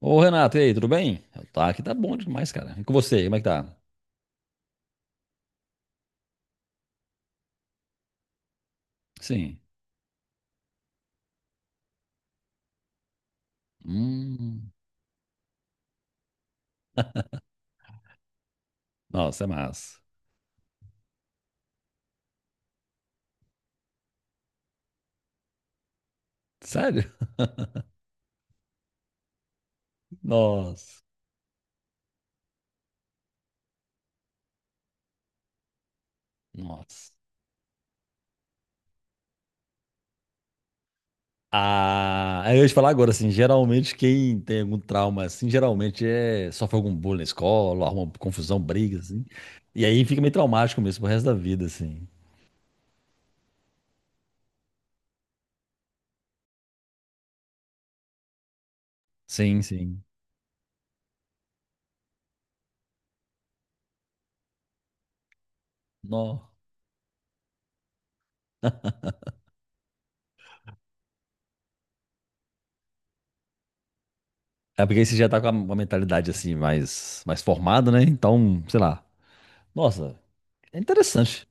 Ô, Renato, e aí, tudo bem? Tá, aqui tá bom demais, cara. E com você, como é que tá? Sim. Hum. Nossa, é massa. Sério? Nossa. Nossa. Ah, aí eu ia te falar agora, assim, geralmente quem tem algum trauma, assim, geralmente sofre algum bullying na escola, arruma confusão, briga, assim. E aí fica meio traumático mesmo pro resto da vida, assim. Sim, sim. Nó. É porque aí você já tá com uma mentalidade, assim, mais, mais formada, né? Então, sei lá. Nossa, é interessante.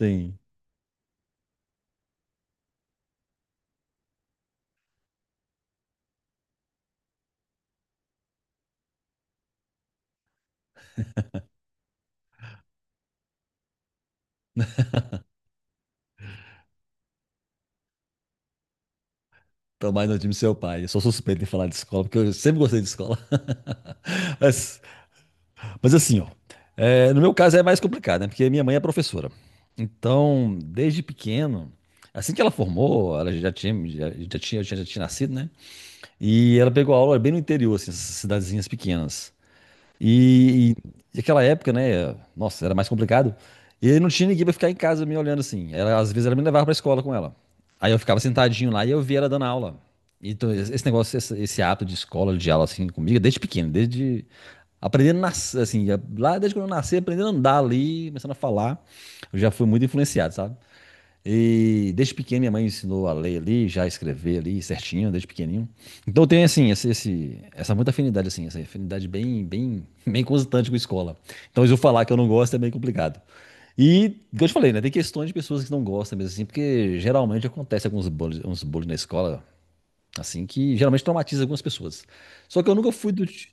Sim. Tô mais no time do seu pai. Eu sou suspeito em falar de escola, porque eu sempre gostei de escola. Mas, mas assim, ó. É, no meu caso é mais complicado, né? Porque minha mãe é professora. Então, desde pequeno, assim que ela formou, ela já tinha, já, já tinha nascido, né? E ela pegou aula bem no interior, assim, essas cidadezinhas pequenas. E, e naquela época, né? Nossa, era mais complicado. E aí não tinha ninguém pra ficar em casa me olhando assim. Ela, às vezes ela me levava pra escola com ela. Aí eu ficava sentadinho lá e eu via ela dando aula. Então, esse negócio, esse hábito de escola, de aula assim comigo, desde pequeno, desde aprendendo a assim, lá desde quando eu nasci, aprendendo a andar ali, começando a falar, eu já fui muito influenciado, sabe? E desde pequeno minha mãe me ensinou a ler ali, já escrever ali certinho, desde pequenininho. Então eu tenho assim, esse, essa muita afinidade assim, essa afinidade bem, bem, bem constante com escola. Então se eu falar que eu não gosto é bem complicado. E, como eu te falei, né, tem questões de pessoas que não gostam mesmo assim, porque geralmente acontece uns bullying na escola, assim, que geralmente traumatiza algumas pessoas. Só que eu nunca fui do...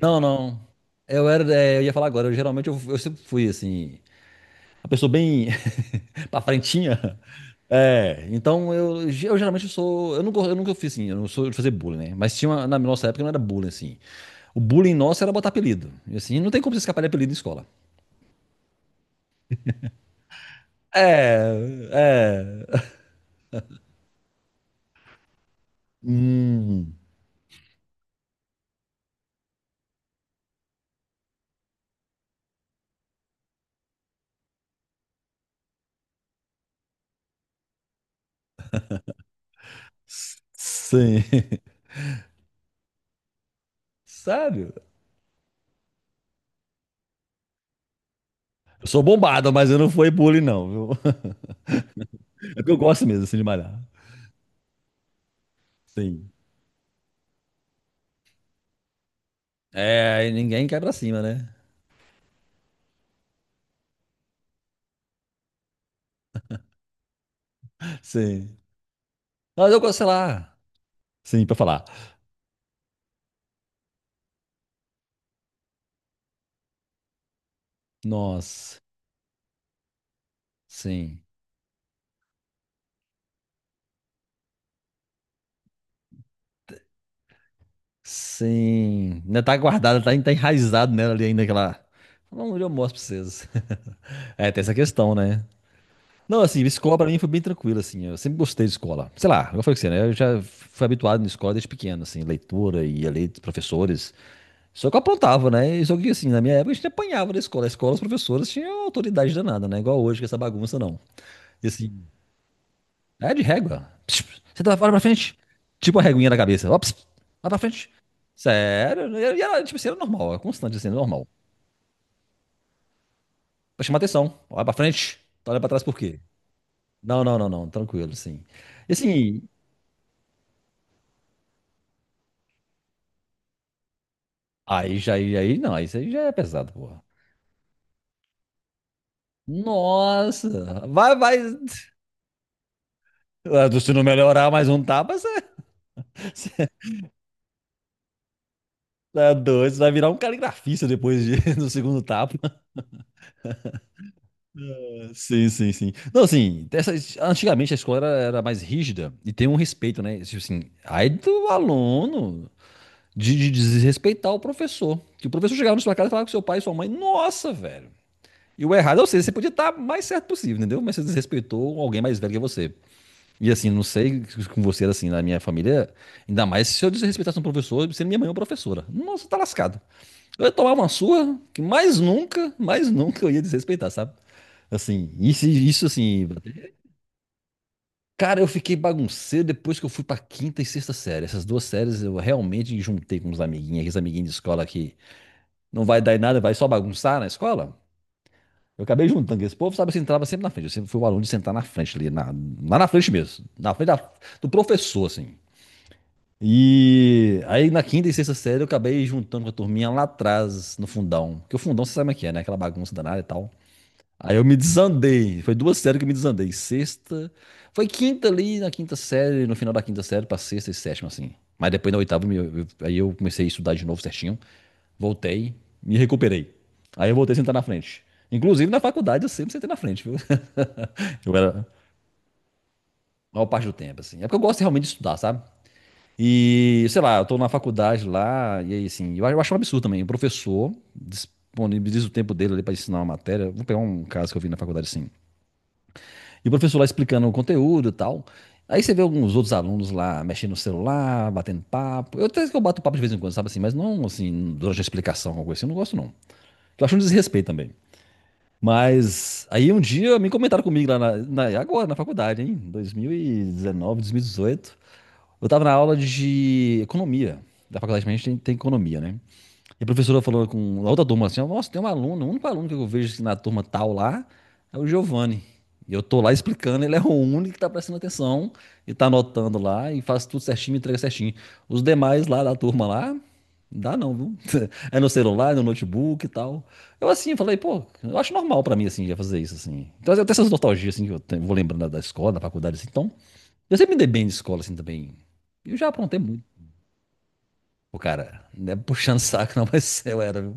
Não, não. Eu era, é, eu ia falar agora, eu sempre fui assim, uma pessoa bem pra frentinha, é, então eu geralmente sou. Eu nunca fiz assim, eu não sou de fazer bullying, né? Mas tinha na nossa época não era bullying, assim. O bullying nosso era botar apelido. E assim, não tem como você escapar de apelido em escola. É, é. Hum, sim. Sério? Eu sou bombado, mas eu não fui bullying, não, viu? É porque eu gosto mesmo, assim, de malhar. Sim. É, e ninguém cai pra cima, né? Sim. Mas eu gosto, sei lá. Sim, pra falar. Nossa, sim. Sim, ainda tá guardada, tá, tá enraizado nela ali ainda, aquela... Não, eu mostro pra vocês. É, tem essa questão, né? Não, assim, escola pra mim foi bem tranquilo, assim, eu sempre gostei de escola. Sei lá, eu falei com você, né? Eu já fui habituado na escola desde pequeno, assim, leitura e a lei dos professores. Só que eu aprontava, né? E só que, assim, na minha época a gente apanhava na escola. A escola, os professores tinham autoridade danada, né? Igual hoje, com essa bagunça, não. E, assim, é de régua. Pss, pss. Você tá fora pra frente. Tipo a reguinha da cabeça. Ó, pss, vai pra frente. Sério. E era, tipo assim, era normal. Era constante assim, era normal. Pra chamar atenção. Olha pra frente. Tu olha pra trás por quê? Não, não, não, não. Tranquilo, sim. E assim, aí não. Isso aí já é pesado, porra. Nossa. Vai, vai. Ah, se não melhorar mais um tapa, você, você é doido. Você vai virar um caligrafista depois do segundo tapa. Sim, sim, sim. Não, assim, dessas, antigamente a escola era, era mais rígida e tem um respeito, né? Tipo assim, aí do aluno de desrespeitar o professor. Que o professor chegava na sua casa e falava com seu pai e sua mãe, nossa, velho. E o errado é você, você podia estar mais certo possível, entendeu? Mas você desrespeitou alguém mais velho que você. E assim, não sei com você, era assim, na minha família, ainda mais se eu desrespeitasse um professor, sendo minha mãe ou professora. Nossa, tá lascado. Eu ia tomar uma surra que mais nunca eu ia desrespeitar, sabe? Assim, isso assim. Cara, eu fiquei bagunceiro depois que eu fui pra quinta e sexta série. Essas duas séries eu realmente juntei com uns amiguinhos, aqueles amiguinhos de escola que não vai dar em nada, vai só bagunçar na escola. Eu acabei juntando com esse povo, sabe? Eu entrava sempre na frente. Eu sempre fui o aluno de sentar na frente ali, lá na frente mesmo. Na frente do professor, assim. E aí na quinta e sexta série eu acabei juntando com a turminha lá atrás, no fundão. Porque o fundão você sabe como é que é, né? Aquela bagunça danada e tal. Aí eu me desandei. Foi duas séries que eu me desandei. Sexta. Foi quinta ali, na quinta série, no final da quinta série, pra sexta e sétima, assim. Mas depois na oitava, aí eu comecei a estudar de novo certinho. Voltei, me recuperei. Aí eu voltei a sentar na frente. Inclusive na faculdade eu sempre sentei na frente, viu? Eu era a maior parte do tempo, assim. É porque eu gosto realmente de estudar, sabe? E, sei lá, eu tô na faculdade lá, e aí, assim, eu acho um absurdo também. O professor disponibiliza o tempo dele ali pra ensinar uma matéria. Vou pegar um caso que eu vi na faculdade, assim. E o professor lá explicando o conteúdo e tal. Aí você vê alguns outros alunos lá mexendo no celular, batendo papo. Eu até que eu bato papo de vez em quando, sabe assim, mas não assim, durante a explicação, alguma coisa assim, eu não gosto não. Eu acho um desrespeito também. Mas aí um dia me comentaram comigo lá agora, na faculdade, hein? 2019, 2018. Eu tava na aula de economia. Da faculdade a gente tem, tem economia, né? E a professora falou com a outra turma assim: ó, nossa, tem um aluno, o único aluno que eu vejo assim, na turma tal lá é o Giovanni. E eu tô lá explicando, ele é o único que tá prestando atenção e tá anotando lá e faz tudo certinho, me entrega certinho. Os demais lá da turma lá, não dá não, viu? É no celular, é no notebook e tal. Eu assim, falei, pô, eu acho normal pra mim assim, já fazer isso assim. Então eu tenho essas nostalgias assim que eu vou lembrando da escola, da faculdade assim. Então, eu sempre me dei bem de escola assim também. E eu já aprontei muito. Pô, cara, não é puxando saco não, mas eu era, viu?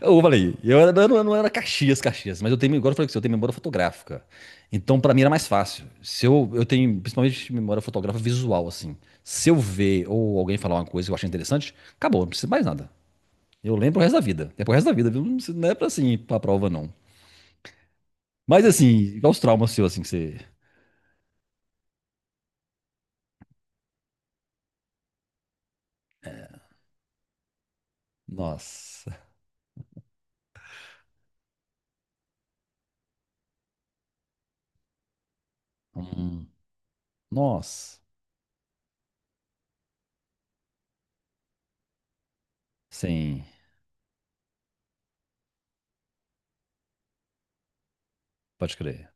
Eu falei, eu não era Caxias, Caxias, mas eu tenho, agora eu falei que eu tenho memória fotográfica. Então, pra mim era mais fácil. Se eu, eu tenho, principalmente, memória fotográfica visual, assim. Se eu ver ou alguém falar uma coisa que eu achei interessante, acabou, não preciso mais nada. Eu lembro o resto da vida. É pro resto da vida, viu? Não é pra assim, pra prova, não. Mas assim, qual os traumas seus, assim, que você. Nossa. Hum, nossa. Sim, pode crer.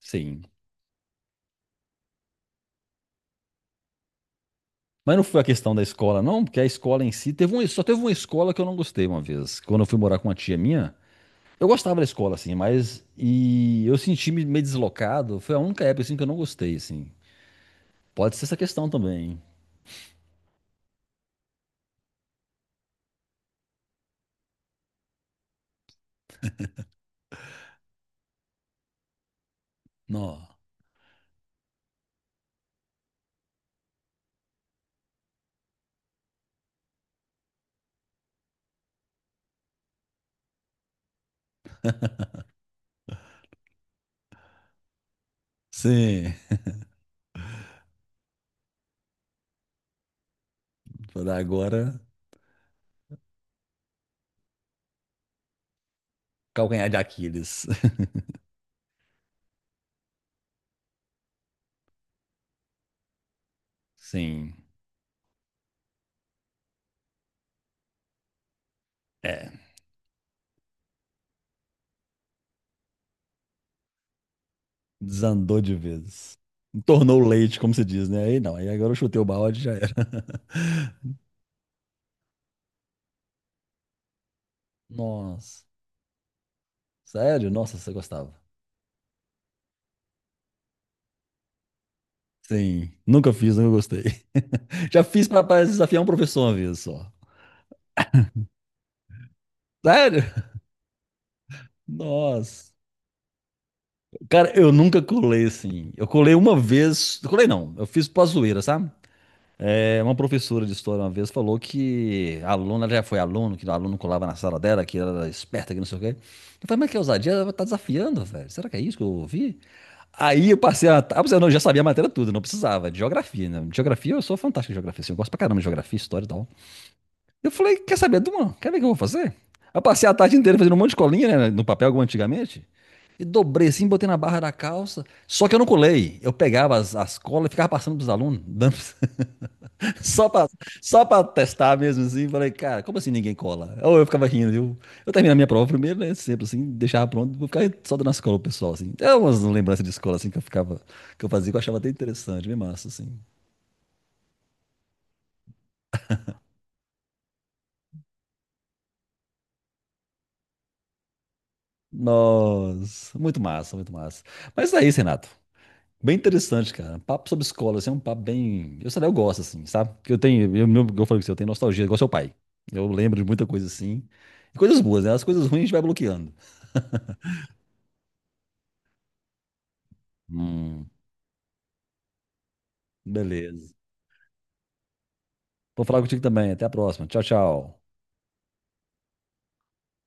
Sim. Mas não foi a questão da escola, não, porque a escola em si teve um, só teve uma escola que eu não gostei uma vez. Quando eu fui morar com uma tia minha, eu gostava da escola, assim, mas e eu senti me meio deslocado. Foi a única época assim, que eu não gostei, assim. Pode ser essa questão também. Hein? Nó. Sim. Vou dar agora calcanhar de Aquiles. Sim. É. Desandou de vez. Tornou leite, como se diz, né? Aí não, aí agora eu chutei o balde e já era. Nossa. Sério? Nossa, você gostava. Sim, nunca fiz, nunca gostei. Já fiz pra pra desafiar um professor uma vez só. Sério? Nossa. Cara, eu nunca colei assim. Eu colei uma vez. Colei não, eu fiz pra zoeira, sabe? É, uma professora de história uma vez falou que ela já foi aluno, que o aluno colava na sala dela, que ela era esperta, que não sei o quê. Eu falei, mas que ousadia, ela tá desafiando, velho. Será que é isso que eu ouvi? Aí eu passei a. Ah, eu não, eu já sabia a matéria toda, não precisava, de geografia, né? Geografia, eu sou fantástico em geografia, assim, eu gosto pra caramba de geografia, história e tal. Eu falei, quer saber, Duma? Quer ver o que eu vou fazer? Eu passei a tarde inteira fazendo um monte de colinha, né? No papel, como antigamente. E dobrei assim, botei na barra da calça. Só que eu não colei. Eu pegava as colas e ficava passando pros alunos. Dando- só pra, só pra testar mesmo assim. Falei, cara, como assim ninguém cola? Ou eu ficava rindo, viu? Eu terminava a minha prova primeiro, né? Sempre assim, deixava pronto. Vou ficar só dando as colas pro pessoal, assim. É umas lembranças de escola, assim, que eu ficava... Que eu fazia, que eu achava até interessante. Bem massa, assim. Nossa, muito massa, muito massa. Mas é isso, Renato. Bem interessante, cara. Papo sobre escola, assim, é um papo bem. Eu sei lá, eu gosto, assim, sabe? Porque eu tenho, eu falei com você, eu tenho nostalgia, igual seu pai. Eu lembro de muita coisa assim. E coisas boas, né? As coisas ruins a gente vai bloqueando. Hum, beleza. Vou falar contigo também. Até a próxima. Tchau, tchau.